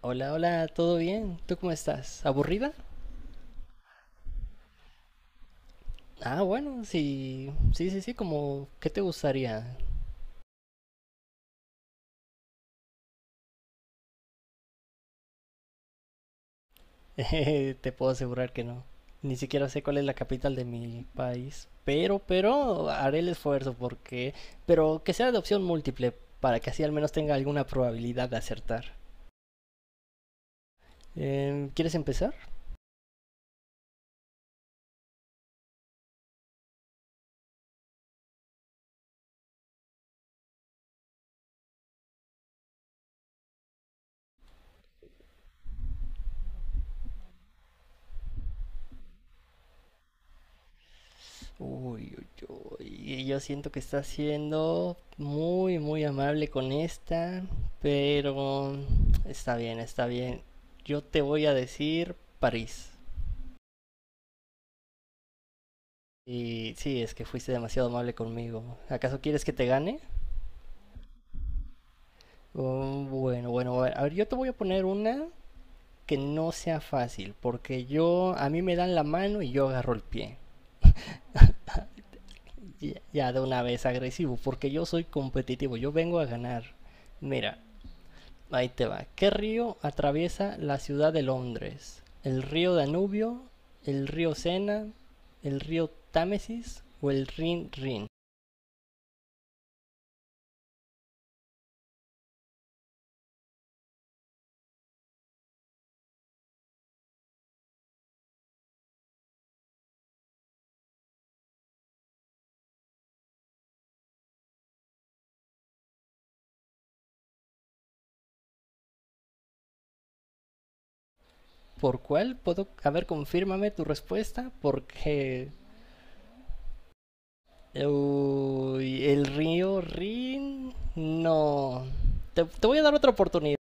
Hola, hola, ¿todo bien? ¿Tú cómo estás? ¿Aburrida? Ah, bueno, sí, sí, sí, sí, como, ¿qué te gustaría? Te puedo asegurar que no. Ni siquiera sé cuál es la capital de mi país, pero haré el esfuerzo porque, pero que sea de opción múltiple para que así al menos tenga alguna probabilidad de acertar. ¿Quieres empezar? Uy, y yo siento que está siendo muy, muy amable con esta, pero está bien, está bien. Yo te voy a decir París. Y sí, es que fuiste demasiado amable conmigo. ¿Acaso quieres que te gane? Oh, bueno, bueno, bueno, a ver, yo te voy a poner una que no sea fácil, porque yo, a mí me dan la mano y yo agarro el pie. Ya de una vez agresivo, porque yo soy competitivo, yo vengo a ganar. Mira, ahí te va. ¿Qué río atraviesa la ciudad de Londres? ¿El río Danubio? ¿El río Sena? ¿El río Támesis? ¿O el Rin Rin? ¿Por cuál puedo? A ver, confírmame tu respuesta porque... Uy, el río Rin... No. Te voy a dar otra oportunidad.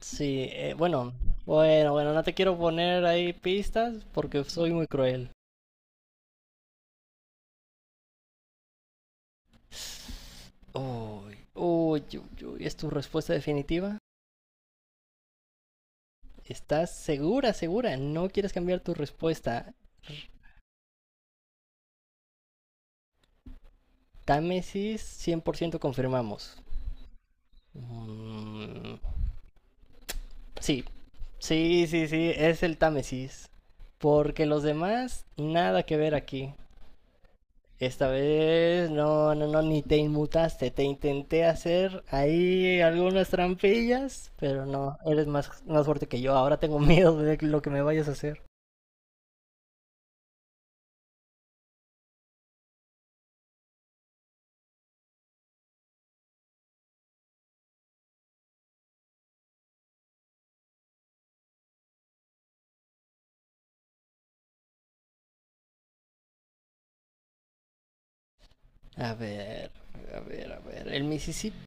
Sí, bueno. Bueno, bueno, no te quiero poner ahí pistas porque soy muy cruel. Uy, uy, uy, uy, ¿es tu respuesta definitiva? ¿Estás segura, segura? ¿No quieres cambiar tu respuesta? Támesis, 100% confirmamos. Mm, sí, sí, sí, sí, es el Támesis. Porque los demás, nada que ver aquí. Esta vez, no, no, no, ni te inmutaste. Te intenté hacer ahí algunas trampillas, pero no, eres más, más fuerte que yo. Ahora tengo miedo de lo que me vayas a hacer. A ver, a ver, a ver. El Mississippi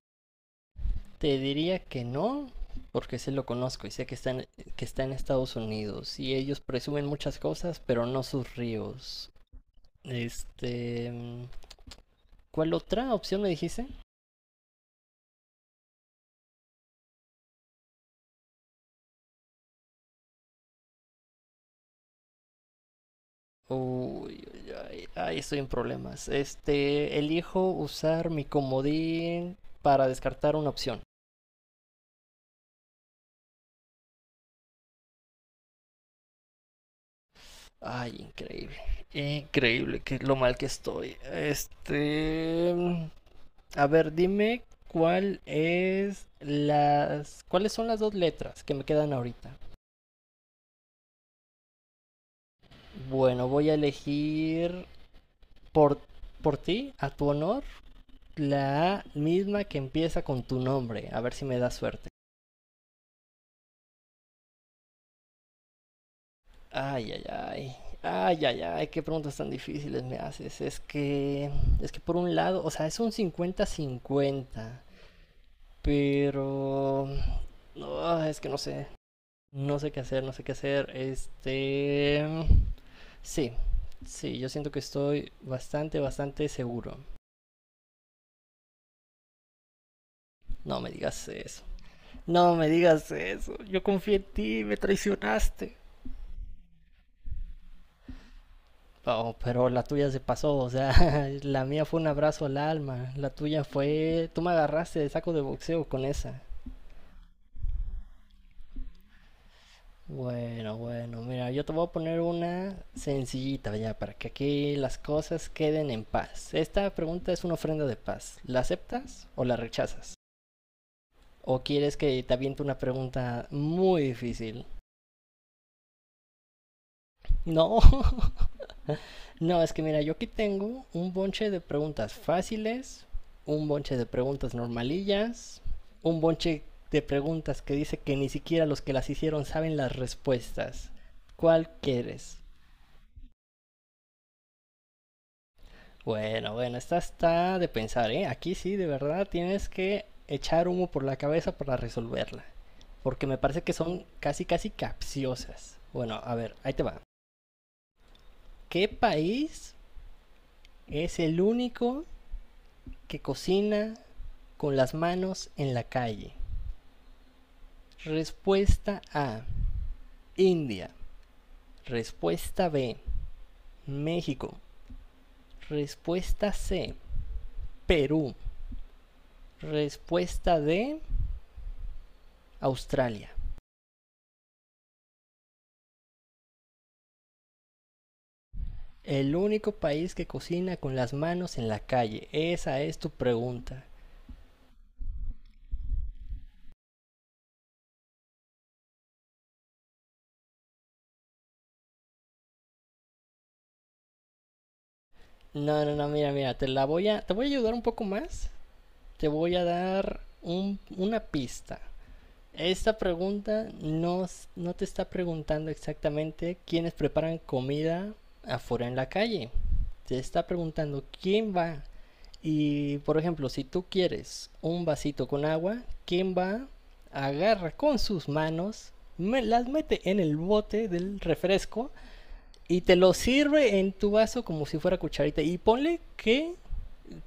te diría que no, porque se lo conozco y sé que que está en Estados Unidos y ellos presumen muchas cosas, pero no sus ríos. Este, ¿Cuál otra opción me dijiste? Uy, ay, ay, estoy en problemas. Elijo usar mi comodín para descartar una opción. Ay, increíble. Increíble que lo mal que estoy. Este, a ver, dime cuáles son las dos letras que me quedan ahorita. Bueno, voy a elegir por, por ti, a tu honor, la A misma que empieza con tu nombre. A ver si me da suerte. Ay, ay, ay. Ay, ay, ay, qué preguntas tan difíciles me haces. Es que por un lado, o sea, es un cincuenta-cincuenta, pero... No, es que no sé. No sé qué hacer, no sé qué hacer. Este... Sí, sí, yo siento que estoy bastante, bastante seguro. No me digas eso. No me digas eso. Yo confié en ti, me traicionaste. Oh, pero la tuya se pasó, o sea, la mía fue un abrazo al alma, la tuya fue... Tú me agarraste de saco de boxeo con esa. Bueno, bueno, mira, yo te voy a poner una sencillita ya para que aquí las cosas queden en paz. Esta pregunta es una ofrenda de paz. ¿La aceptas o la rechazas? ¿O quieres que te aviente una pregunta muy difícil? No, no, es que mira, yo aquí tengo un bonche de preguntas fáciles, un bonche de preguntas normalillas, un bonche de preguntas que dice que ni siquiera los que las hicieron saben las respuestas. ¿Cuál quieres? Bueno, bueno, esta está de pensar, ¿eh? Aquí sí, de verdad, tienes que echar humo por la cabeza para resolverla. Porque me parece que son casi, casi capciosas. Bueno, a ver, ahí te va. ¿Qué país es el único que cocina con las manos en la calle? Respuesta A, India. Respuesta B, México. Respuesta C, Perú. Respuesta D, Australia. El único país que cocina con las manos en la calle. Esa es tu pregunta. No, no, no, mira, mira, te voy a ayudar un poco más. Te voy a dar una pista. Esta pregunta no, no te está preguntando exactamente quiénes preparan comida afuera en la calle. Te está preguntando quién va. Y por ejemplo, si tú quieres un vasito con agua, ¿quién va? Agarra con sus manos, las mete en el bote del refresco y te lo sirve en tu vaso como si fuera cucharita. Y ponle que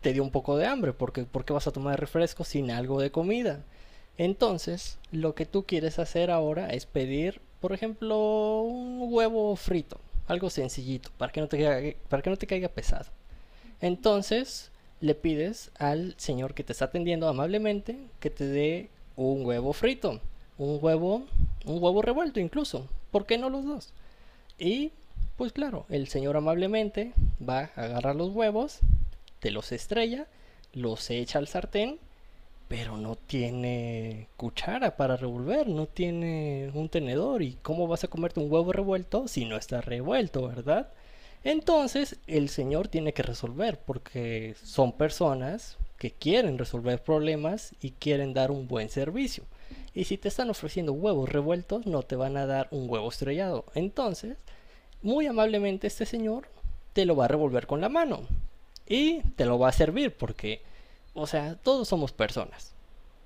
te dio un poco de hambre, porque vas a tomar refresco sin algo de comida. Entonces, lo que tú quieres hacer ahora es pedir, por ejemplo, un huevo frito, algo sencillito, para que no te caiga, para que no te caiga pesado. Entonces, le pides al señor que te está atendiendo amablemente que te dé un huevo frito, un huevo, un huevo revuelto incluso, ¿por qué no los dos? Y pues claro, el señor amablemente va a agarrar los huevos, te los estrella, los echa al sartén, pero no tiene cuchara para revolver, no tiene un tenedor. ¿Y cómo vas a comerte un huevo revuelto si no está revuelto, verdad? Entonces el señor tiene que resolver porque son personas que quieren resolver problemas y quieren dar un buen servicio. Y si te están ofreciendo huevos revueltos, no te van a dar un huevo estrellado. Entonces, muy amablemente este señor te lo va a revolver con la mano y te lo va a servir porque, o sea, todos somos personas,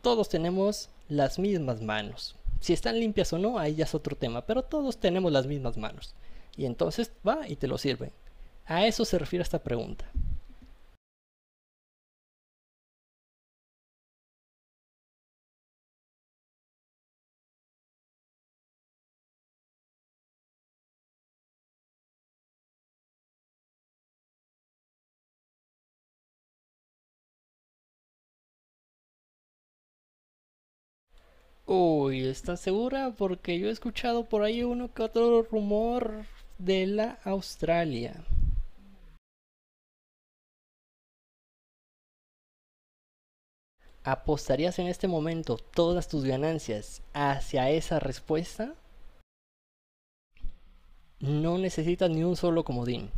todos tenemos las mismas manos. Si están limpias o no, ahí ya es otro tema, pero todos tenemos las mismas manos. Y entonces va y te lo sirve. A eso se refiere esta pregunta. Uy, ¿estás segura? Porque yo he escuchado por ahí uno que otro rumor de la Australia. ¿Apostarías en este momento todas tus ganancias hacia esa respuesta? No necesitas ni un solo comodín.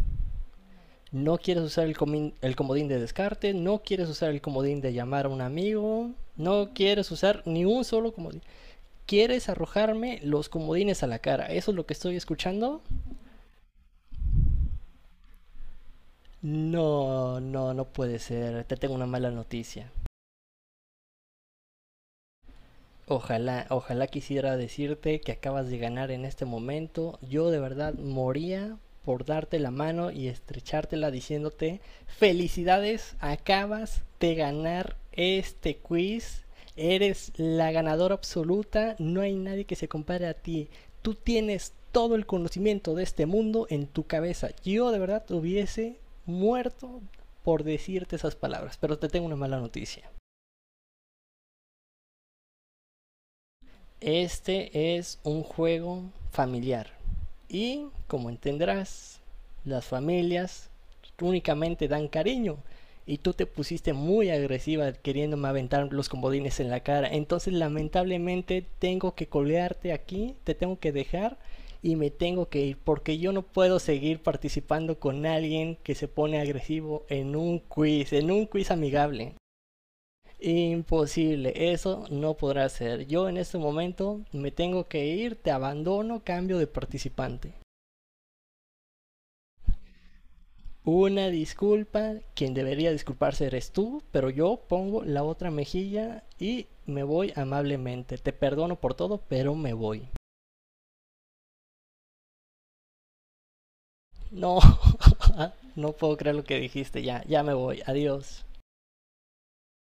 No quieres usar el comodín de descarte, no quieres usar el comodín de llamar a un amigo, no quieres usar ni un solo comodín. ¿Quieres arrojarme los comodines a la cara? ¿Eso es lo que estoy escuchando? No, no, no puede ser. Te tengo una mala noticia. Ojalá, ojalá quisiera decirte que acabas de ganar en este momento. Yo de verdad moría por darte la mano y estrechártela diciéndote felicidades, acabas de ganar este quiz. Eres la ganadora absoluta, no hay nadie que se compare a ti. Tú tienes todo el conocimiento de este mundo en tu cabeza. Yo de verdad hubiese muerto por decirte esas palabras, pero te tengo una mala noticia. Este es un juego familiar y, como entenderás, las familias únicamente dan cariño y tú te pusiste muy agresiva queriéndome aventar los comodines en la cara. Entonces, lamentablemente, tengo que colgarte aquí, te tengo que dejar y me tengo que ir porque yo no puedo seguir participando con alguien que se pone agresivo en un quiz amigable. Imposible, eso no podrá ser. Yo en este momento me tengo que ir, te abandono, cambio de participante. Una disculpa, quien debería disculparse eres tú, pero yo pongo la otra mejilla y me voy amablemente. Te perdono por todo, pero me voy. No, no puedo creer lo que dijiste, ya, ya me voy, adiós.